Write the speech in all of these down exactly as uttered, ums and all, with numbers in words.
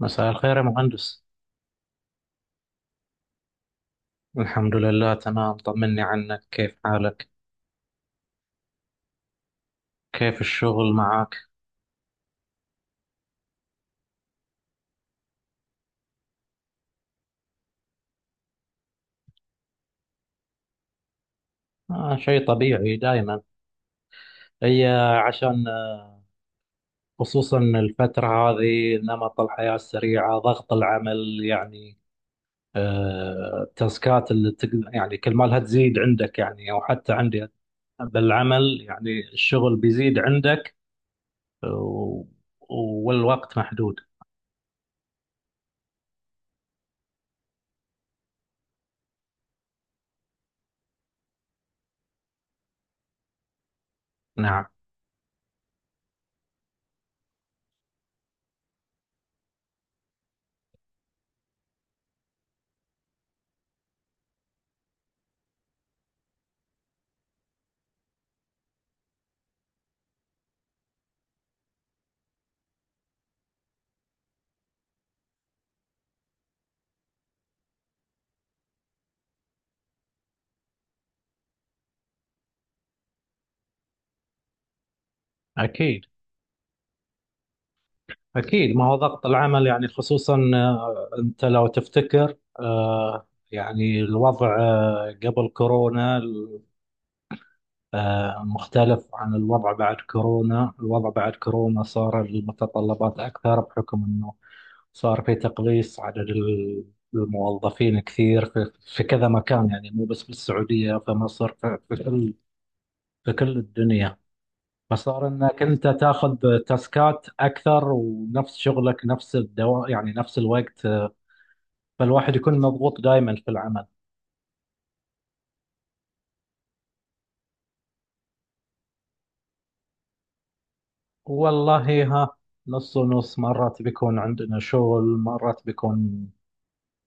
مساء الخير يا مهندس. الحمد لله، تمام. طمني عنك، كيف حالك؟ كيف الشغل معك؟ آه، شيء طبيعي دائما. هي عشان آه، خصوصا الفترة هذه، نمط الحياة السريعة، ضغط العمل يعني. آه التاسكات اللي تق... يعني كل ما لها تزيد عندك، يعني أو حتى عندي بالعمل. يعني الشغل بيزيد عندك و... والوقت محدود. نعم. أكيد، أكيد. ما هو ضغط العمل، يعني خصوصا آه، أنت لو تفتكر، آه، يعني الوضع آه، قبل كورونا آه، مختلف عن الوضع بعد كورونا. الوضع بعد كورونا صار المتطلبات أكثر، بحكم أنه صار في تقليص عدد ال- الموظفين كثير في, في كذا مكان، يعني مو بس بالسعودية، في مصر، في, في كل، في كل الدنيا. فصار انك انت تاخذ تاسكات اكثر ونفس شغلك، نفس الدوام يعني، نفس الوقت. فالواحد يكون مضغوط دائما في العمل. والله ها، نص ونص. مرات بيكون عندنا شغل، مرات بيكون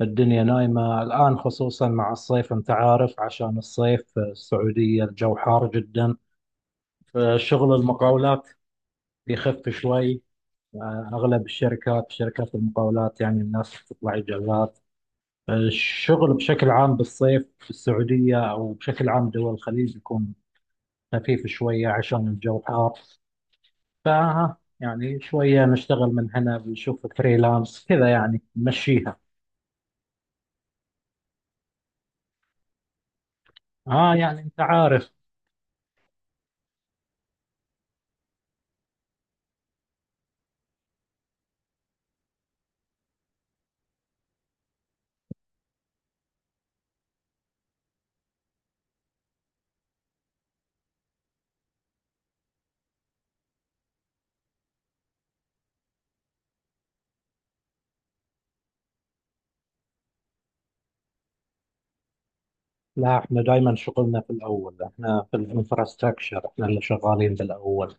الدنيا نايمة. الآن خصوصا مع الصيف، أنت عارف، عشان الصيف في السعودية الجو حار جدا. فشغل المقاولات يخف شوي. آه، أغلب الشركات، شركات المقاولات يعني، الناس تطلع إجازات. الشغل بشكل عام بالصيف في السعودية، أو بشكل عام دول الخليج، يكون خفيف شوية عشان الجو حار. ف يعني شوية نشتغل من هنا، بنشوف فريلانس كذا يعني، نمشيها. آه، يعني أنت عارف. لا، احنا دائما شغلنا في الأول، احنا في الانفراستراكشر، احنا اللي شغالين بالأول.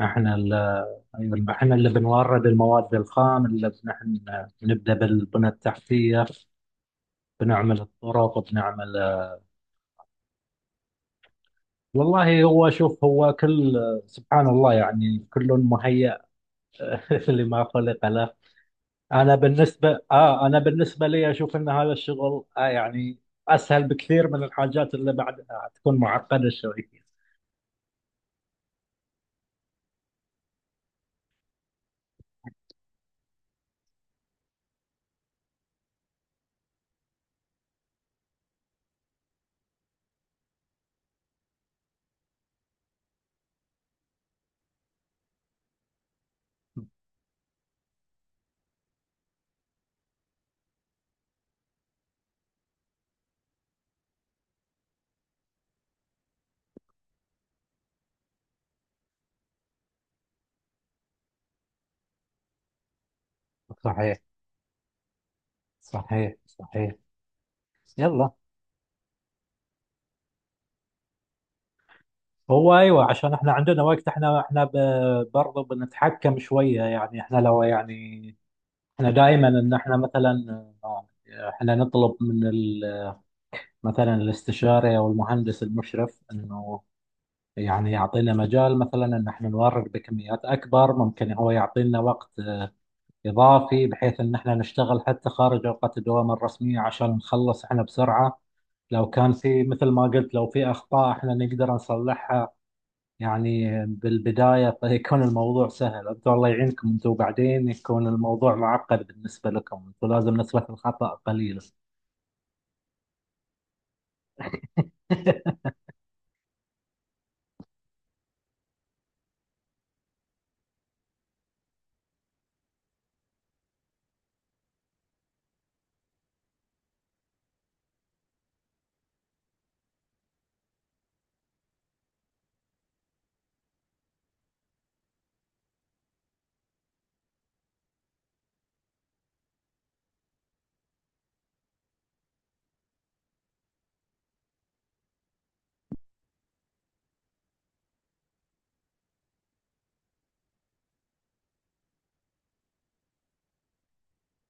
احنا اللي، أيوة، احنا اللي بنورد المواد الخام، اللي نحن نبدأ بالبنى التحتية، بنعمل الطرق، بنعمل. والله هو، شوف هو كل، سبحان الله، يعني كل مهيأ لما خلق له. أنا بالنسبة آه أنا بالنسبة لي أشوف أن هذا الشغل، آه يعني، أسهل بكثير من الحاجات اللي بعدها تكون معقدة شوية. صحيح، صحيح، صحيح. يلا، هو ايوه، عشان احنا عندنا وقت. احنا احنا ب- برضه بنتحكم شويه يعني. احنا لو، يعني احنا دائما ان احنا مثلا، آه، احنا نطلب من مثلا الاستشاري او المهندس المشرف انه يعني يعطينا مجال، مثلا ان احنا نورد بكميات اكبر، ممكن هو يعطينا وقت اضافي، بحيث ان احنا نشتغل حتى خارج اوقات الدوام الرسميه عشان نخلص احنا بسرعه. لو كان في، مثل ما قلت، لو في اخطاء احنا نقدر نصلحها. يعني بالبدايه فيكون الموضوع سهل. انتم الله يعينكم، انتم بعدين يكون الموضوع معقد بالنسبه لكم، انتم لازم نسبه الخطا قليله.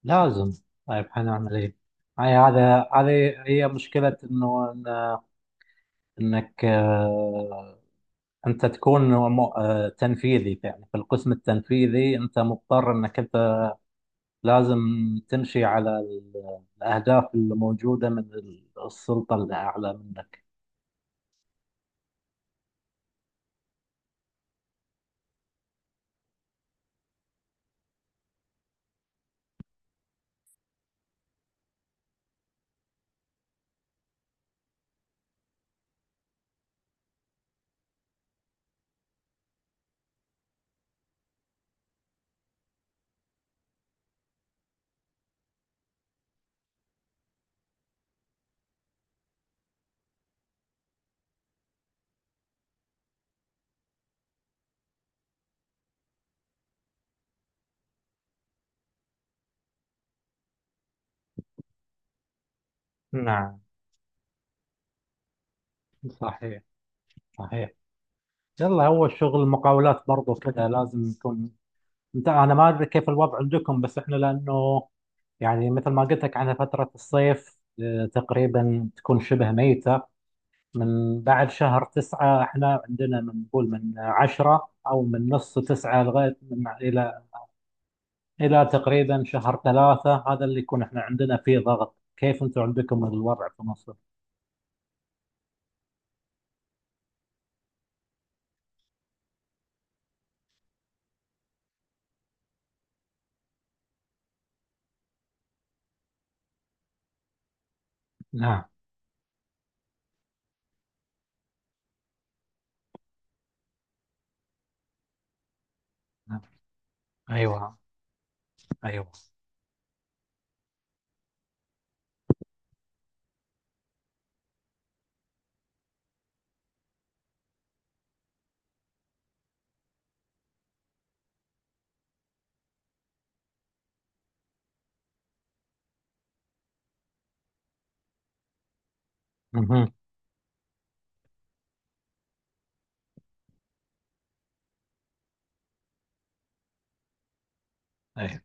لازم. طيب، حنعمل ايه؟ هاي هذا هذه هي مشكلة انه، إن- انك آه، انت تكون مو- آه، تنفيذي. يعني في القسم التنفيذي انت مضطر انك انت لازم تمشي على ال- الاهداف اللي موجودة من السلطة الاعلى منك. نعم. صحيح، صحيح. يلا، هو شغل المقاولات برضه كذا لازم يكون. انت انا ما ادري كيف الوضع عندكم، بس احنا لانه، يعني مثل ما قلت لك عنها، فترة الصيف آه، تقريبا تكون شبه ميتة. من بعد شهر تسعة، احنا عندنا من نقول من عشرة أو من نص تسعة لغاية من إلى، إلى تقريبا شهر ثلاثة، هذا اللي يكون احنا عندنا فيه ضغط. كيف أنتم عندكم الوضع في مصر؟ نعم. نعم. أيوه، أيوه. مهم. أيوه.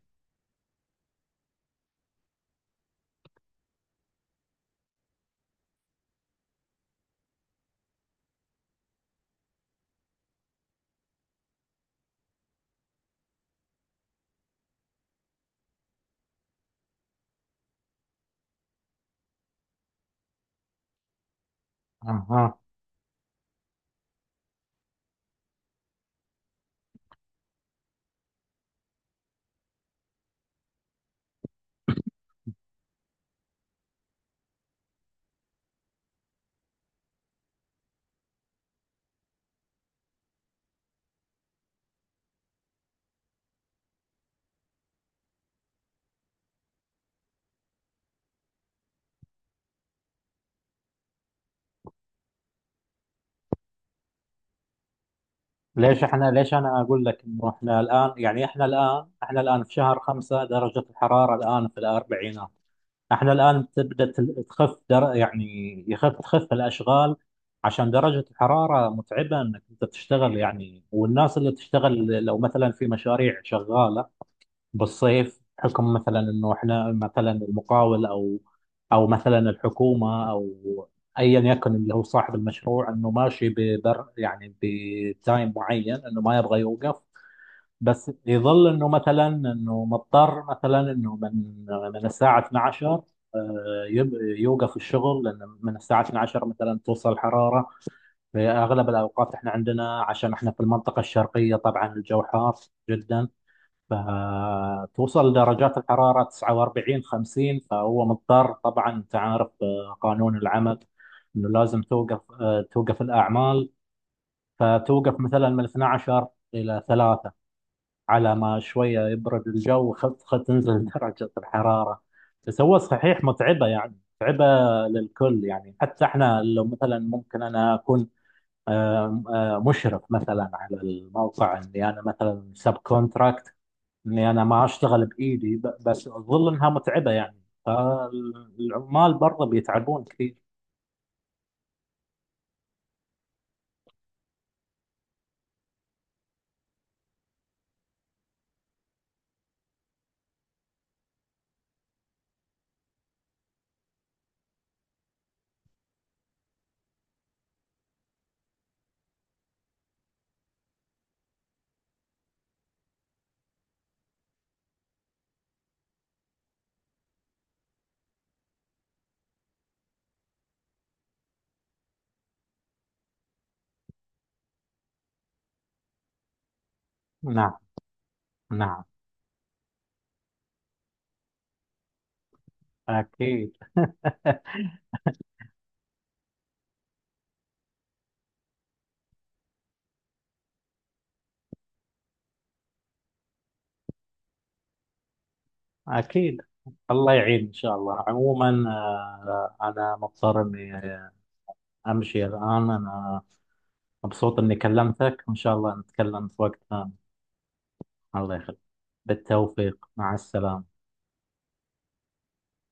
أها. ليش احنا ليش أنا أقول لك إنه، احنا الآن يعني، احنا الآن احنا الآن في شهر خمسة درجة الحرارة الآن في الأربعينات. احنا الآن تبدأ تل- تخف، در... يعني يخف تخف الأشغال، عشان درجة الحرارة متعبة إنك أنت تشتغل يعني. والناس اللي تشتغل، لو مثلا في مشاريع شغالة بالصيف، حكم مثلا إنه احنا مثلا المقاول، أو أو مثلا الحكومة، أو أيا يكن اللي هو صاحب المشروع، إنه ماشي ببر يعني بتايم معين، إنه ما يبغى يوقف. بس يظل انه مثلا انه مضطر مثلا انه من من الساعه اثنا عشر آه، يب- يوقف الشغل، لان من الساعه اثنا عشر مثلا توصل الحراره. في اغلب الاوقات احنا عندنا، عشان احنا في المنطقه الشرقيه، طبعا الجو حار جدا، فتوصل درجات الحراره تسعة واربعين، خمسين. فهو مضطر، طبعا انت عارف، آه، قانون العمل انه لازم توقف، آه، توقف الاعمال. فتوقف مثلا من اثنا عشر الى ثلاثة، على ما شوية يبرد الجو، خفخة تنزل درجة الحرارة. بس هو صحيح متعبة، يعني متعبة للكل. يعني حتى احنا، لو مثلا ممكن انا اكون آه، آه، مشرف مثلا على الموقع، اني انا مثلا سب كونتراكت، اني انا ما اشتغل بايدي، ب- بس اظل انها متعبة يعني. فالعمال برضه بيتعبون كثير. نعم. نعم، اكيد. أكيد. الله يعين إن شاء الله. عموما آه، أنا مضطر إني آه، أمشي الآن. أنا مبسوط إني كلمتك، وإن شاء الله نتكلم في وقت ثاني. الله يخليك. بالتوفيق، مع السلامة.